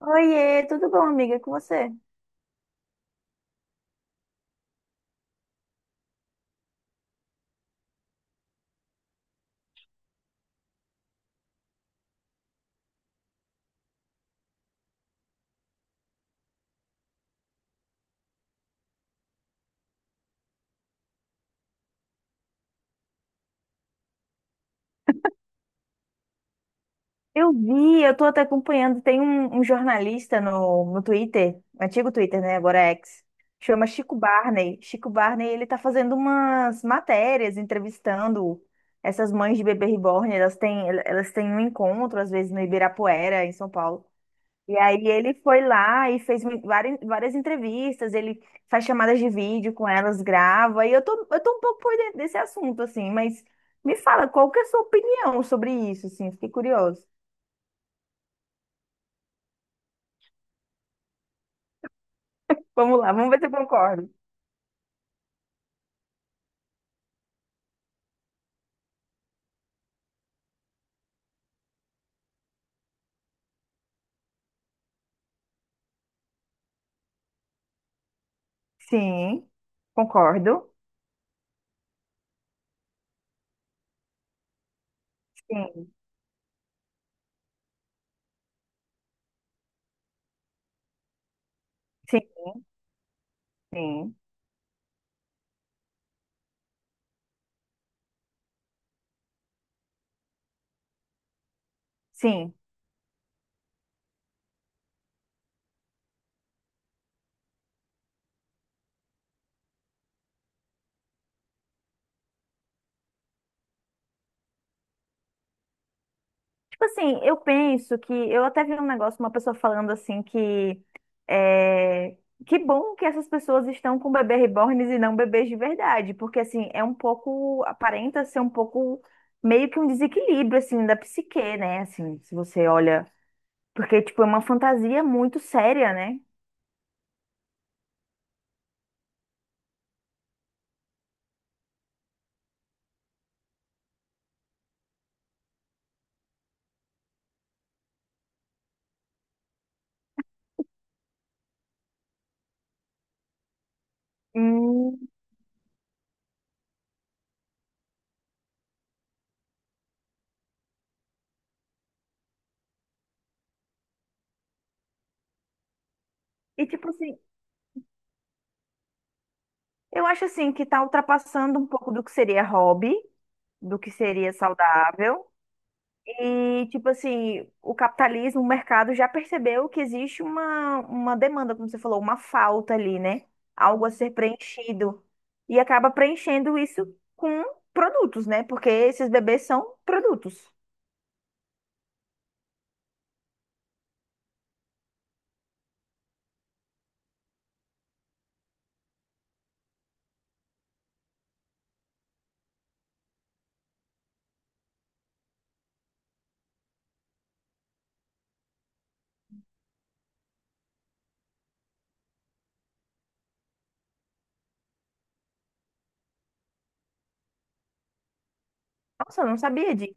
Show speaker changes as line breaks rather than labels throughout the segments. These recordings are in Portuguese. Oiê, tudo bom, amiga? E com você? Eu vi, eu tô até acompanhando. Tem um jornalista no Twitter, um antigo Twitter, né? Agora é X, chama Chico Barney. Chico Barney, ele tá fazendo umas matérias, entrevistando essas mães de bebê reborn. Elas têm um encontro, às vezes, no Ibirapuera, em São Paulo. E aí ele foi lá e fez várias, várias entrevistas, ele faz chamadas de vídeo com elas, grava. E eu tô um pouco por dentro desse assunto, assim, mas me fala, qual que é a sua opinião sobre isso, assim? Fiquei curioso. Vamos lá, vamos ver se eu concordo. Sim, concordo. Sim, sim, sim, sim. Tipo assim, eu penso que eu até vi um negócio, uma pessoa falando assim que é, que bom que essas pessoas estão com bebê reborns e não bebês de verdade, porque assim, é um pouco, aparenta ser um pouco meio que um desequilíbrio assim da psique, né? Assim, se você olha, porque tipo é uma fantasia muito séria, né? Hum. E tipo assim, eu acho assim que tá ultrapassando um pouco do que seria hobby, do que seria saudável. E, tipo assim, o capitalismo, o mercado já percebeu que existe uma demanda, como você falou, uma falta ali, né? Algo a ser preenchido. E acaba preenchendo isso com produtos, né? Porque esses bebês são produtos. Nossa, eu não sabia disso.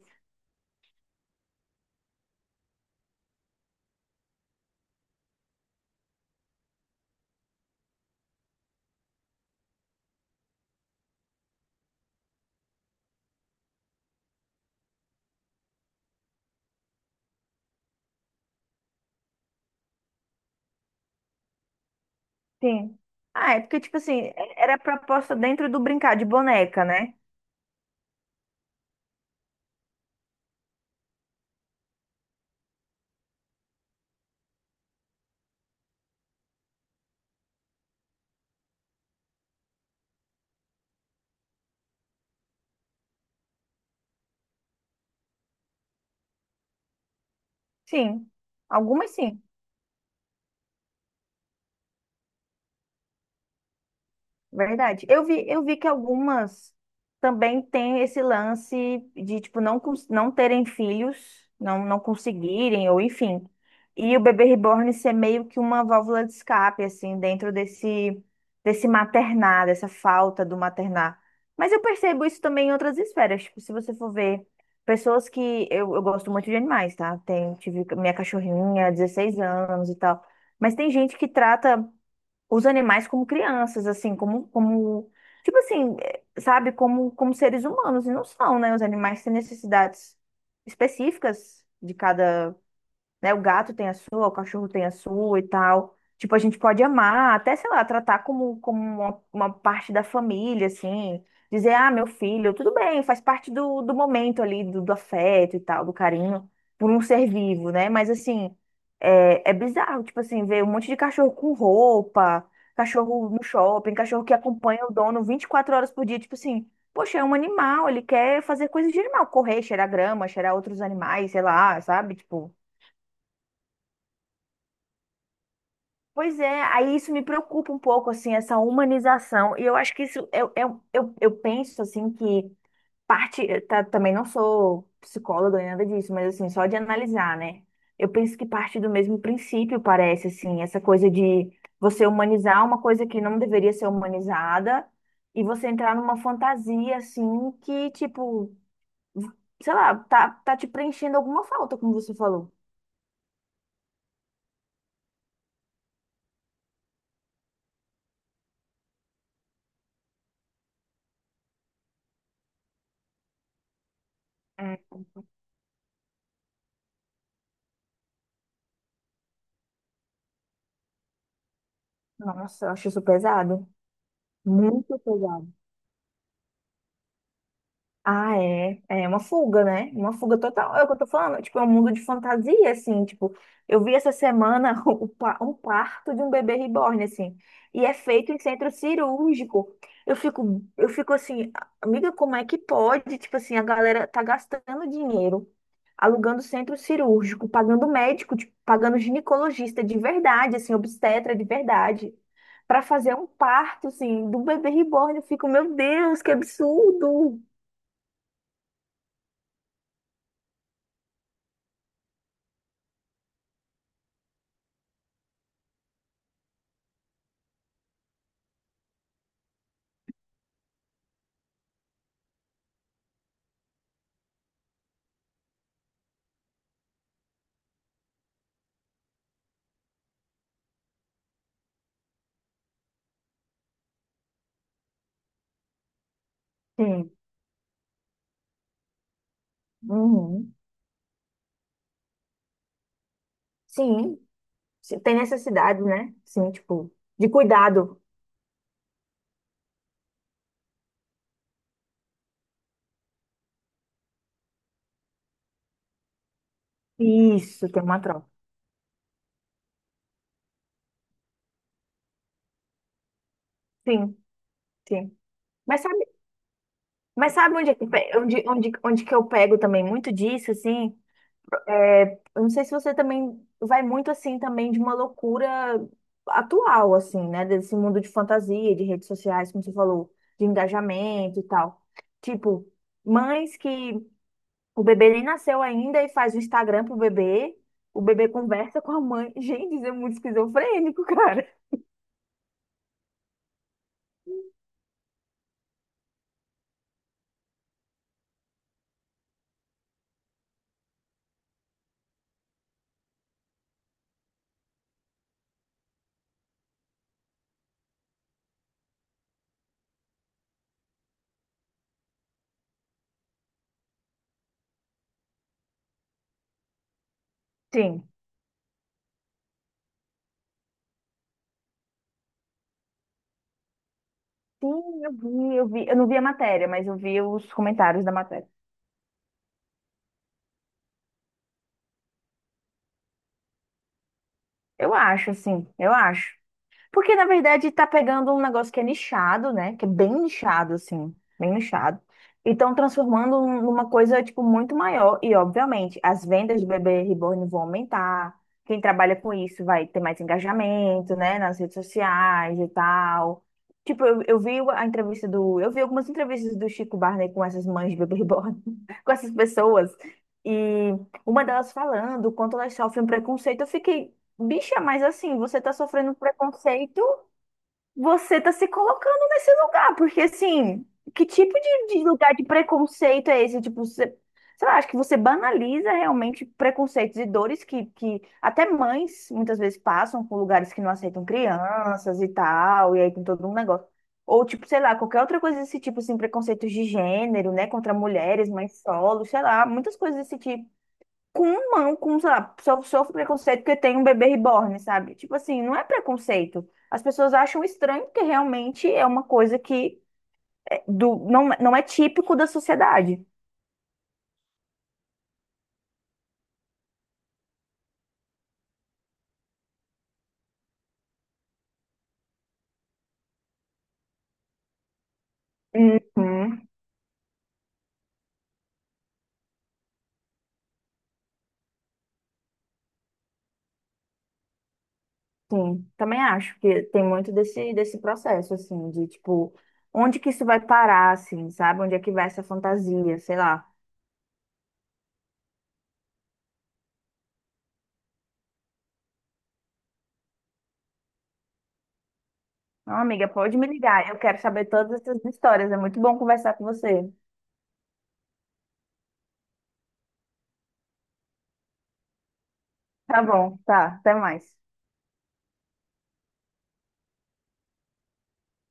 Sim. Ah, é porque, tipo assim, era proposta dentro do brincar de boneca, né? Sim. Algumas sim. Verdade. Eu vi que algumas também têm esse lance de, tipo, não, não terem filhos, não, não conseguirem, ou enfim. E o bebê reborn ser meio que uma válvula de escape, assim, dentro desse, desse maternar, dessa falta do maternar. Mas eu percebo isso também em outras esferas. Tipo, se você for ver pessoas que... Eu gosto muito de animais, tá? Tenho, tive minha cachorrinha, 16 anos e tal. Mas tem gente que trata os animais como crianças, assim, tipo assim, sabe, como seres humanos, e não são, né? Os animais têm necessidades específicas de cada, né? O gato tem a sua, o cachorro tem a sua e tal. Tipo, a gente pode amar, até, sei lá, tratar como, como uma parte da família, assim. Dizer, ah, meu filho, tudo bem, faz parte do momento ali, do afeto e tal, do carinho, por um ser vivo, né? Mas, assim, é bizarro, tipo assim, ver um monte de cachorro com roupa, cachorro no shopping, cachorro que acompanha o dono 24 horas por dia, tipo assim. Poxa, é um animal, ele quer fazer coisas de animal, correr, cheirar grama, cheirar outros animais, sei lá, sabe? Tipo, pois é, aí isso me preocupa um pouco, assim, essa humanização. E eu acho que isso, eu penso, assim, que parte, também não sou psicóloga nem nada disso, mas, assim, só de analisar, né? Eu penso que parte do mesmo princípio, parece, assim, essa coisa de você humanizar uma coisa que não deveria ser humanizada e você entrar numa fantasia, assim, que, tipo, sei lá, tá te preenchendo alguma falta, como você falou. É. Nossa, eu acho isso pesado. Muito pesado. Ah, é. É uma fuga, né? Uma fuga total. É o que eu tô falando. Tipo, é um mundo de fantasia, assim. Tipo, eu vi essa semana um parto de um bebê reborn, assim. E é feito em centro cirúrgico. Eu fico assim, amiga, como é que pode? Tipo assim, a galera tá gastando dinheiro, alugando centro cirúrgico, pagando médico, tipo, pagando ginecologista de verdade, assim, obstetra de verdade. Pra fazer um parto, assim, do bebê reborn, eu fico, meu Deus, que absurdo! Sim. Uhum. Sim, tem necessidade, né? Sim, tipo, de cuidado. Isso, tem uma troca. Sim, sim. Mas sabe, mas sabe onde, onde, onde, onde que eu pego também muito disso, assim? É, eu não sei se você também vai muito assim também de uma loucura atual, assim, né? Desse mundo de fantasia, de redes sociais, como você falou, de engajamento e tal. Tipo, mães que o bebê nem nasceu ainda e faz o Instagram pro bebê. O bebê conversa com a mãe. Gente, isso é muito esquizofrênico, cara. Sim. Sim, eu vi, eu vi. Eu não vi a matéria, mas eu vi os comentários da matéria. Eu acho, assim, eu acho. Porque, na verdade, tá pegando um negócio que é nichado, né? Que é bem nichado, assim, bem nichado. E estão transformando numa coisa, tipo, muito maior. E, obviamente, as vendas de bebê reborn vão aumentar. Quem trabalha com isso vai ter mais engajamento, né? Nas redes sociais e tal. Tipo, eu vi a entrevista do... Eu vi algumas entrevistas do Chico Barney com essas mães de bebê reborn. Com essas pessoas. E uma delas falando o quanto elas sofrem um preconceito. Eu fiquei... Bicha, mas assim, você tá sofrendo preconceito, você tá se colocando nesse lugar, porque assim, que tipo de lugar de preconceito é esse? Tipo, você, sei lá, acho que você banaliza realmente preconceitos e dores que até mães muitas vezes passam por lugares que não aceitam crianças e tal, e aí tem todo um negócio. Ou tipo, sei lá, qualquer outra coisa desse tipo, assim, preconceitos de gênero, né, contra mulheres, mães solo, sei lá, muitas coisas desse tipo. Com não, com, sei lá, só sofro preconceito porque tem um bebê reborn, sabe? Tipo assim, não é preconceito. As pessoas acham estranho porque realmente é uma coisa que é do, não, não é típico da sociedade. Uhum. Sim, também acho que tem muito desse, desse processo, assim, de tipo, onde que isso vai parar, assim, sabe? Onde é que vai essa fantasia, sei lá. Não, amiga, pode me ligar, eu quero saber todas essas histórias, é muito bom conversar com você. Tá bom, tá, até mais.